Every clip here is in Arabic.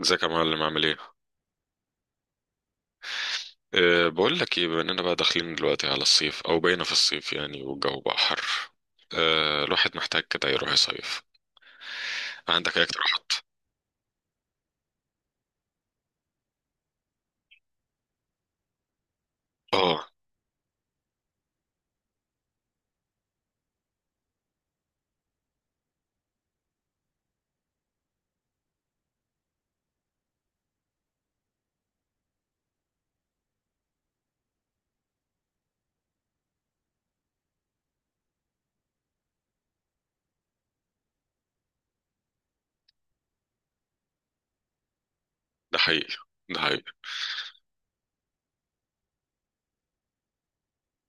ازيك يا معلم، عامل ايه؟ بقول لك ايه، بما اننا بقى داخلين دلوقتي على الصيف او بقينا في الصيف يعني والجو بقى حر. الواحد محتاج كده يروح يصيف. عندك اي اقتراحات؟ اه. ده حقيقي. ده حقيقي.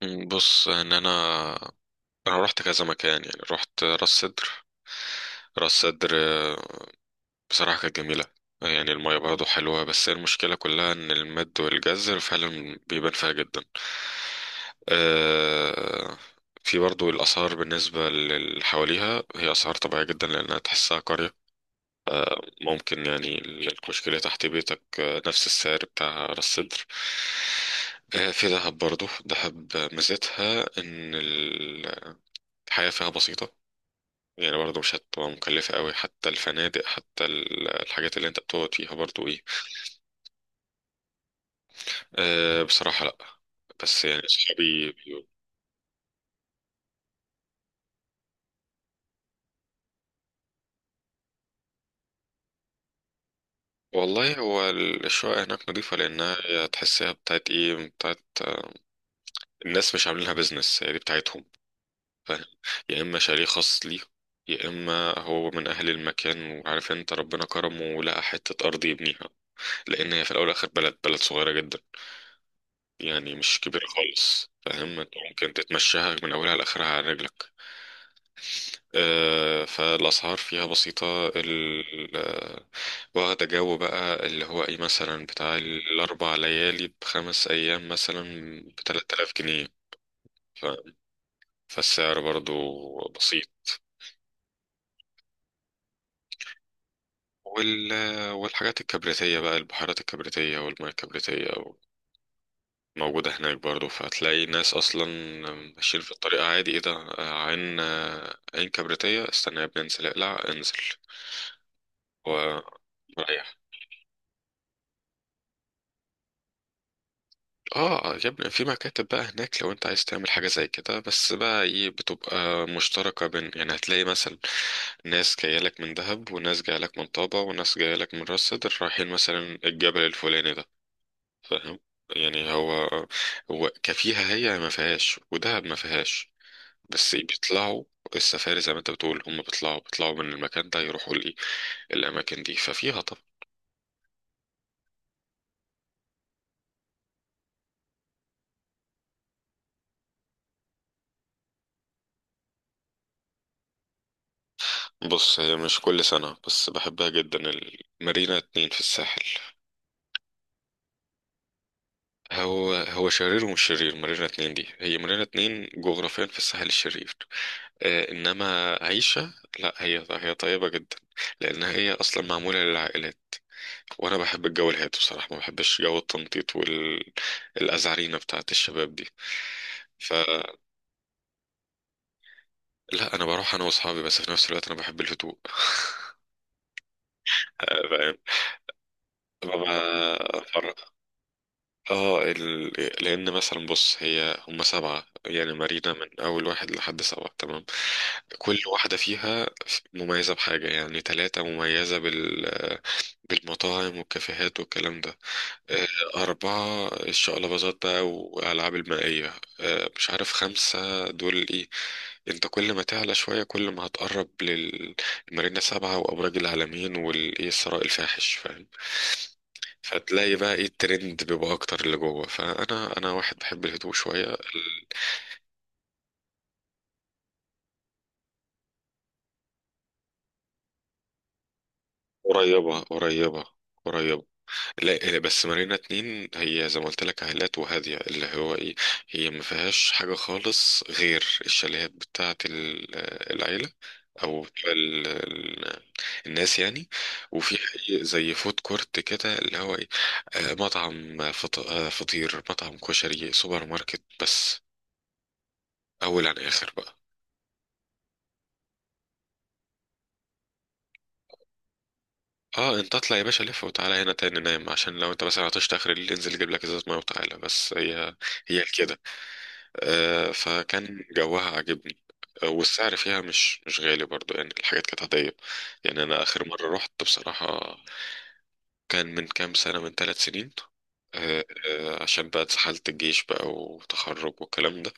بص، ان انا انا رحت كذا مكان، يعني رحت راس سدر. راس سدر، بصراحة كانت جميلة. يعني المية برضه حلوة، بس المشكلة كلها إن المد والجزر فعلا بيبان فيها جدا. آه، في برضه الآثار بالنسبة للي حواليها، هي آثار طبيعية جدا لأنها تحسها قرية. ممكن يعني الكشك اللي تحت بيتك نفس السعر بتاع راس سدر. في دهب برضه، دهب ميزتها إن الحياة فيها بسيطة. يعني برضه مش هتبقى مكلفة قوي، حتى الفنادق، حتى الحاجات اللي انت بتقعد فيها برضو ايه. بصراحة لأ، بس يعني صحابي بيقولوا. والله هو الشقة هناك نظيفة لأنها هي تحسها بتاعت إيه بتاعت الناس، مش عاملينها بيزنس، هي دي بتاعتهم، فاهم. يا إما شاليه خاص ليه، يا إما هو من أهل المكان وعارف أنت ربنا كرمه ولقى حتة أرض يبنيها، لأن هي في الأول والآخر بلد، بلد صغيرة جدا. يعني مش كبيرة خالص، فاهم أنت ممكن تتمشاها من أولها لآخرها على رجلك. فالأسعار فيها بسيطة، واخدة جو بقى، اللي هو ايه مثلا بتاع الأربع ليالي ب5 أيام مثلا، ب3000 جنيه. ف- فالسعر برضو بسيط. وال... والحاجات الكبريتية بقى، البحيرات الكبريتية والمياه الكبريتية موجودة هناك برضو، فهتلاقي ناس أصلا ماشيين في الطريق عادي، ايه ده؟ عين كبريتية. استنى يا ابني، انزل اقلع انزل. و- رايح. اه. يا ابني في مكاتب بقى هناك لو انت عايز تعمل حاجة زي كده، بس بقى ايه بتبقى مشتركة، بين يعني هتلاقي مثلا ناس جاية لك من دهب وناس جاية لك من طابة وناس جاية لك من راس سدر، رايحين مثلا الجبل الفلاني ده، فاهم. يعني هو كفيها، هي ما فيهاش ودهب ما فيهاش، بس بيطلعوا. السفاري زي ما انت بتقول هم بيطلعوا من المكان ده، يروحوا لي الاماكن دي، ففيها طبعا. بص هي مش كل سنة بس بحبها جدا، المارينا اتنين في الساحل. هو شرير ومش شرير، مارينا اتنين دي هي مارينا اتنين جغرافيا في الساحل الشرير. انما عيشة لا، هي طيبة جدا لان هي اصلا معمولة للعائلات، وانا بحب الجو الهادي، بصراحة ما بحبش جو التنطيط والازعرينة بتاعة الشباب دي. فلا، انا بروح انا واصحابي بس في نفس الوقت انا بحب الهدوء. فاهم. ببقى اه ال... لان مثلا بص، هي هم سبعة، يعني مارينا من اول واحد لحد سبعة، تمام. كل واحدة فيها مميزة بحاجة، يعني ثلاثة مميزة بالمطاعم والكافيهات والكلام ده. آه، أربعة الشقلباظات بقى وألعاب المائية. مش عارف خمسة دول ايه. انت كل ما تعلى شوية كل ما هتقرب للمارينا سبعة وأبراج العالمين والإيه الثراء الفاحش. فتلاقي بقى ايه، الترند بيبقى اكتر اللي جوه، فانا واحد بحب الهدوء شويه. ال- قريبه قريبه قريبه. لا لا، بس مارينا اتنين هي زي ما قلت لك عائلات وهاديه اللي هو ايه، هي ما فيهاش حاجه خالص غير الشاليهات بتاعه العيله، او الناس يعني. وفي زي فود كورت كده اللي هو ايه. مطعم فطير، مطعم كشري، سوبر ماركت، بس. اول عن اخر بقى. اه انت اطلع يا باشا، لف وتعالى هنا تاني نام، عشان لو انت مثلا عطشت اخر الليل انزل جيب لك ازازه ميه وتعالى، بس هي كده. فكان جوها عاجبني. والسعر فيها مش غالي برضو، يعني الحاجات كانت عادية. يعني أنا آخر مرة رحت بصراحة، كان من كام سنة، من 3 سنين. عشان بقى اتسحلت الجيش بقى وتخرج والكلام ده.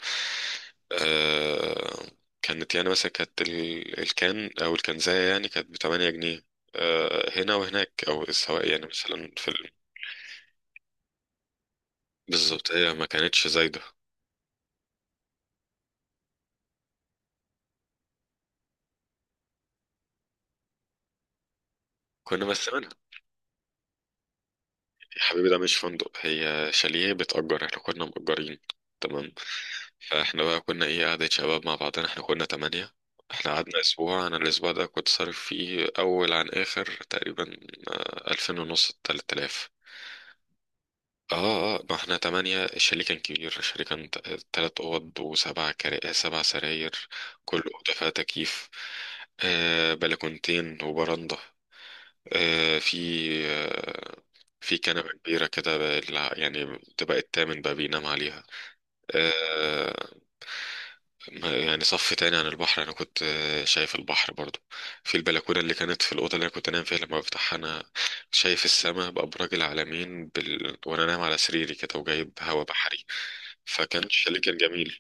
آه، كانت يعني مثلا، كانت الكان أو الكنزاية يعني، كانت ب8 جنيه هنا وهناك، أو سواء يعني مثلا بالظبط، هي ما كانتش زايدة. كنا بس منها. يا حبيبي ده مش فندق، هي شاليه بتأجر، احنا كنا مأجرين، تمام. فاحنا بقى كنا ايه، قعدة شباب مع بعضنا، احنا كنا 8. احنا قعدنا اسبوع، انا الاسبوع ده كنت صارف فيه اول عن اخر تقريبا 2000 ونص، 3000. اه اه، ما احنا تمانية، الشاليه كان كبير، الشاليه كان 3 اوض، وسبع كرا... 7 سراير، كل اوضة فيها تكييف. بلكونتين وبرندة. آه في آه في كنبة كبيرة كده يعني تبقى التامن بقى بينام عليها. آه، يعني صف تاني عن البحر، انا كنت شايف البحر برضو. في البلكونه اللي كانت في الاوضه اللي انا كنت انام فيها، لما بفتحها انا شايف السماء بابراج العلمين وانا نايم على سريري كده، وجايب هوا بحري، فكان الشاليه كان جميل.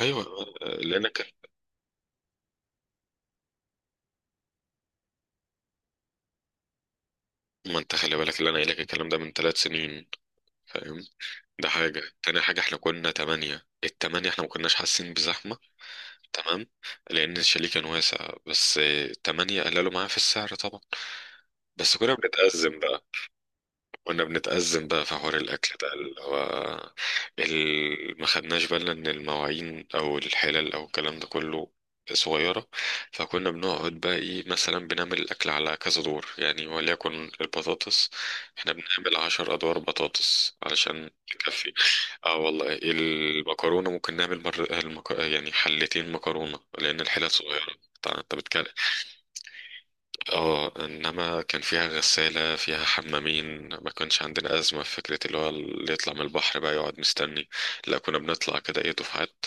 ايوه، اللي انا كان. ما انت خلي بالك، اللي انا قايل لك الكلام ده من 3 سنين، فاهم. ده حاجه تاني، حاجه احنا كنا تمانية، الـ8 احنا ما كناش حاسين بزحمه، تمام، لان الشاليه كان واسع، بس 8 قللوا معاه في السعر طبعا. بس كنا بنتأزم بقى، كنا بنتأزم بقى في حوار الأكل ده اللي هو ما خدناش بالنا إن المواعين أو الحلل أو الكلام ده كله صغيرة، فكنا بنقعد بقى إيه، مثلا بنعمل الأكل على كذا دور، يعني وليكن البطاطس، إحنا بنعمل 10 أدوار بطاطس علشان تكفي. اه والله، المكرونة ممكن نعمل يعني حلتين مكرونة لأن الحلل صغيرة. طبعاً أنت بتكلم، اه انما كان فيها غسالة، فيها حمامين، ما كانش عندنا أزمة في فكرة اللي هو اللي يطلع من البحر بقى يقعد مستني، لا كنا بنطلع كده ايه، دفعات،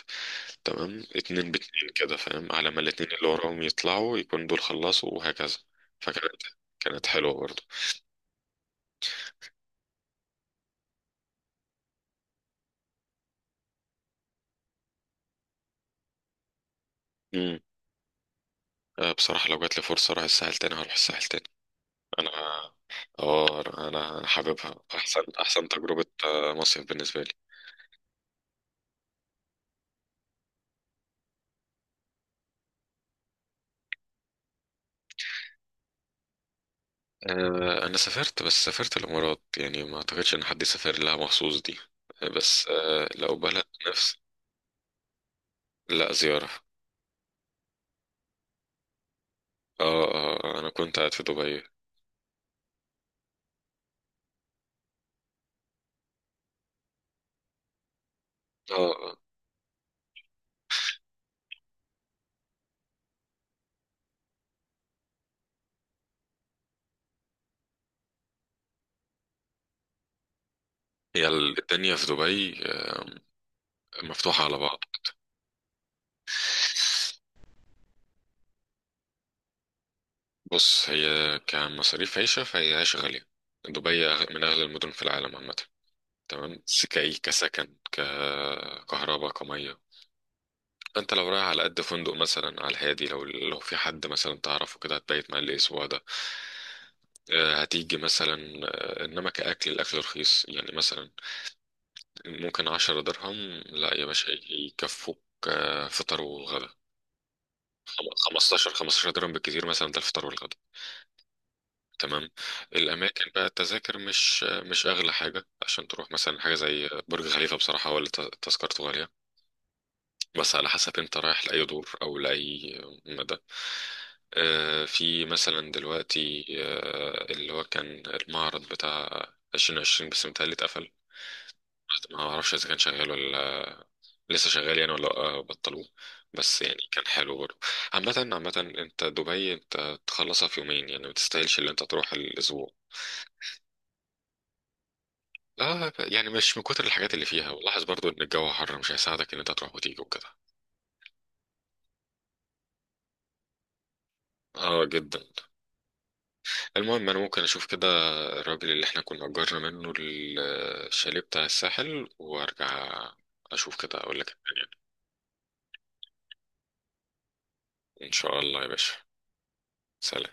تمام، اتنين باتنين كده، فاهم، على ما الاتنين اللي وراهم يطلعوا يكون دول خلصوا وهكذا. فكانت حلوة برضه. امم. بصراحة لو جات لي فرصة أروح الساحل تاني، هروح الساحل تاني. أنا اه أنا أنا حاببها، أحسن أحسن تجربة مصيف بالنسبة لي. انا سافرت، بس سافرت الامارات، يعني ما اعتقدش ان حد سافر لها مخصوص دي. بس لو بلد نفس. لا زيارة. اه اه، انا كنت قاعد في دبي. اه اه هي الدنيا في دبي مفتوحة على بعض. بص هي كمصاريف عيشة، فهي عيشة غالية، دبي من اغلى المدن في العالم عامة، تمام. بس كأي، كسكن، ككهرباء، كمية، انت لو رايح على قد فندق مثلا على الهادي، لو في حد مثلا تعرفه كده هتبيت معاه الاسبوع ده. هتيجي مثلا، انما كأكل الاكل رخيص، يعني مثلا ممكن 10 درهم، لا يا باشا يكفوك. فطار وغدا، 15 15 درهم بالكثير مثلا، ده الفطار والغدا، تمام. الاماكن بقى، التذاكر مش اغلى حاجه، عشان تروح مثلا حاجه زي برج خليفه بصراحه، ولا تذكرته غاليه، بس على حسب انت رايح لأي دور أو لأي مدى. في مثلا دلوقتي اللي هو كان المعرض بتاع 2020، بس متهيألي اتقفل، ما اعرفش اذا كان شغال ولا لسه شغال يعني، ولا بطلوه، بس يعني كان حلو برضه. عامة عامة، انت دبي انت تخلصها في يومين، يعني ما تستاهلش اللي انت تروح الاسبوع، لا يعني مش من كتر الحاجات اللي فيها، ولاحظ برضه ان الجو حر مش هيساعدك ان انت تروح وتيجي وكده. اه جدا. المهم، انا ممكن اشوف كده الراجل اللي احنا كنا اجرنا منه الشاليه بتاع الساحل وارجع اشوف كده، اقول لك الدنيا. ان شاء الله يا باشا. سلام.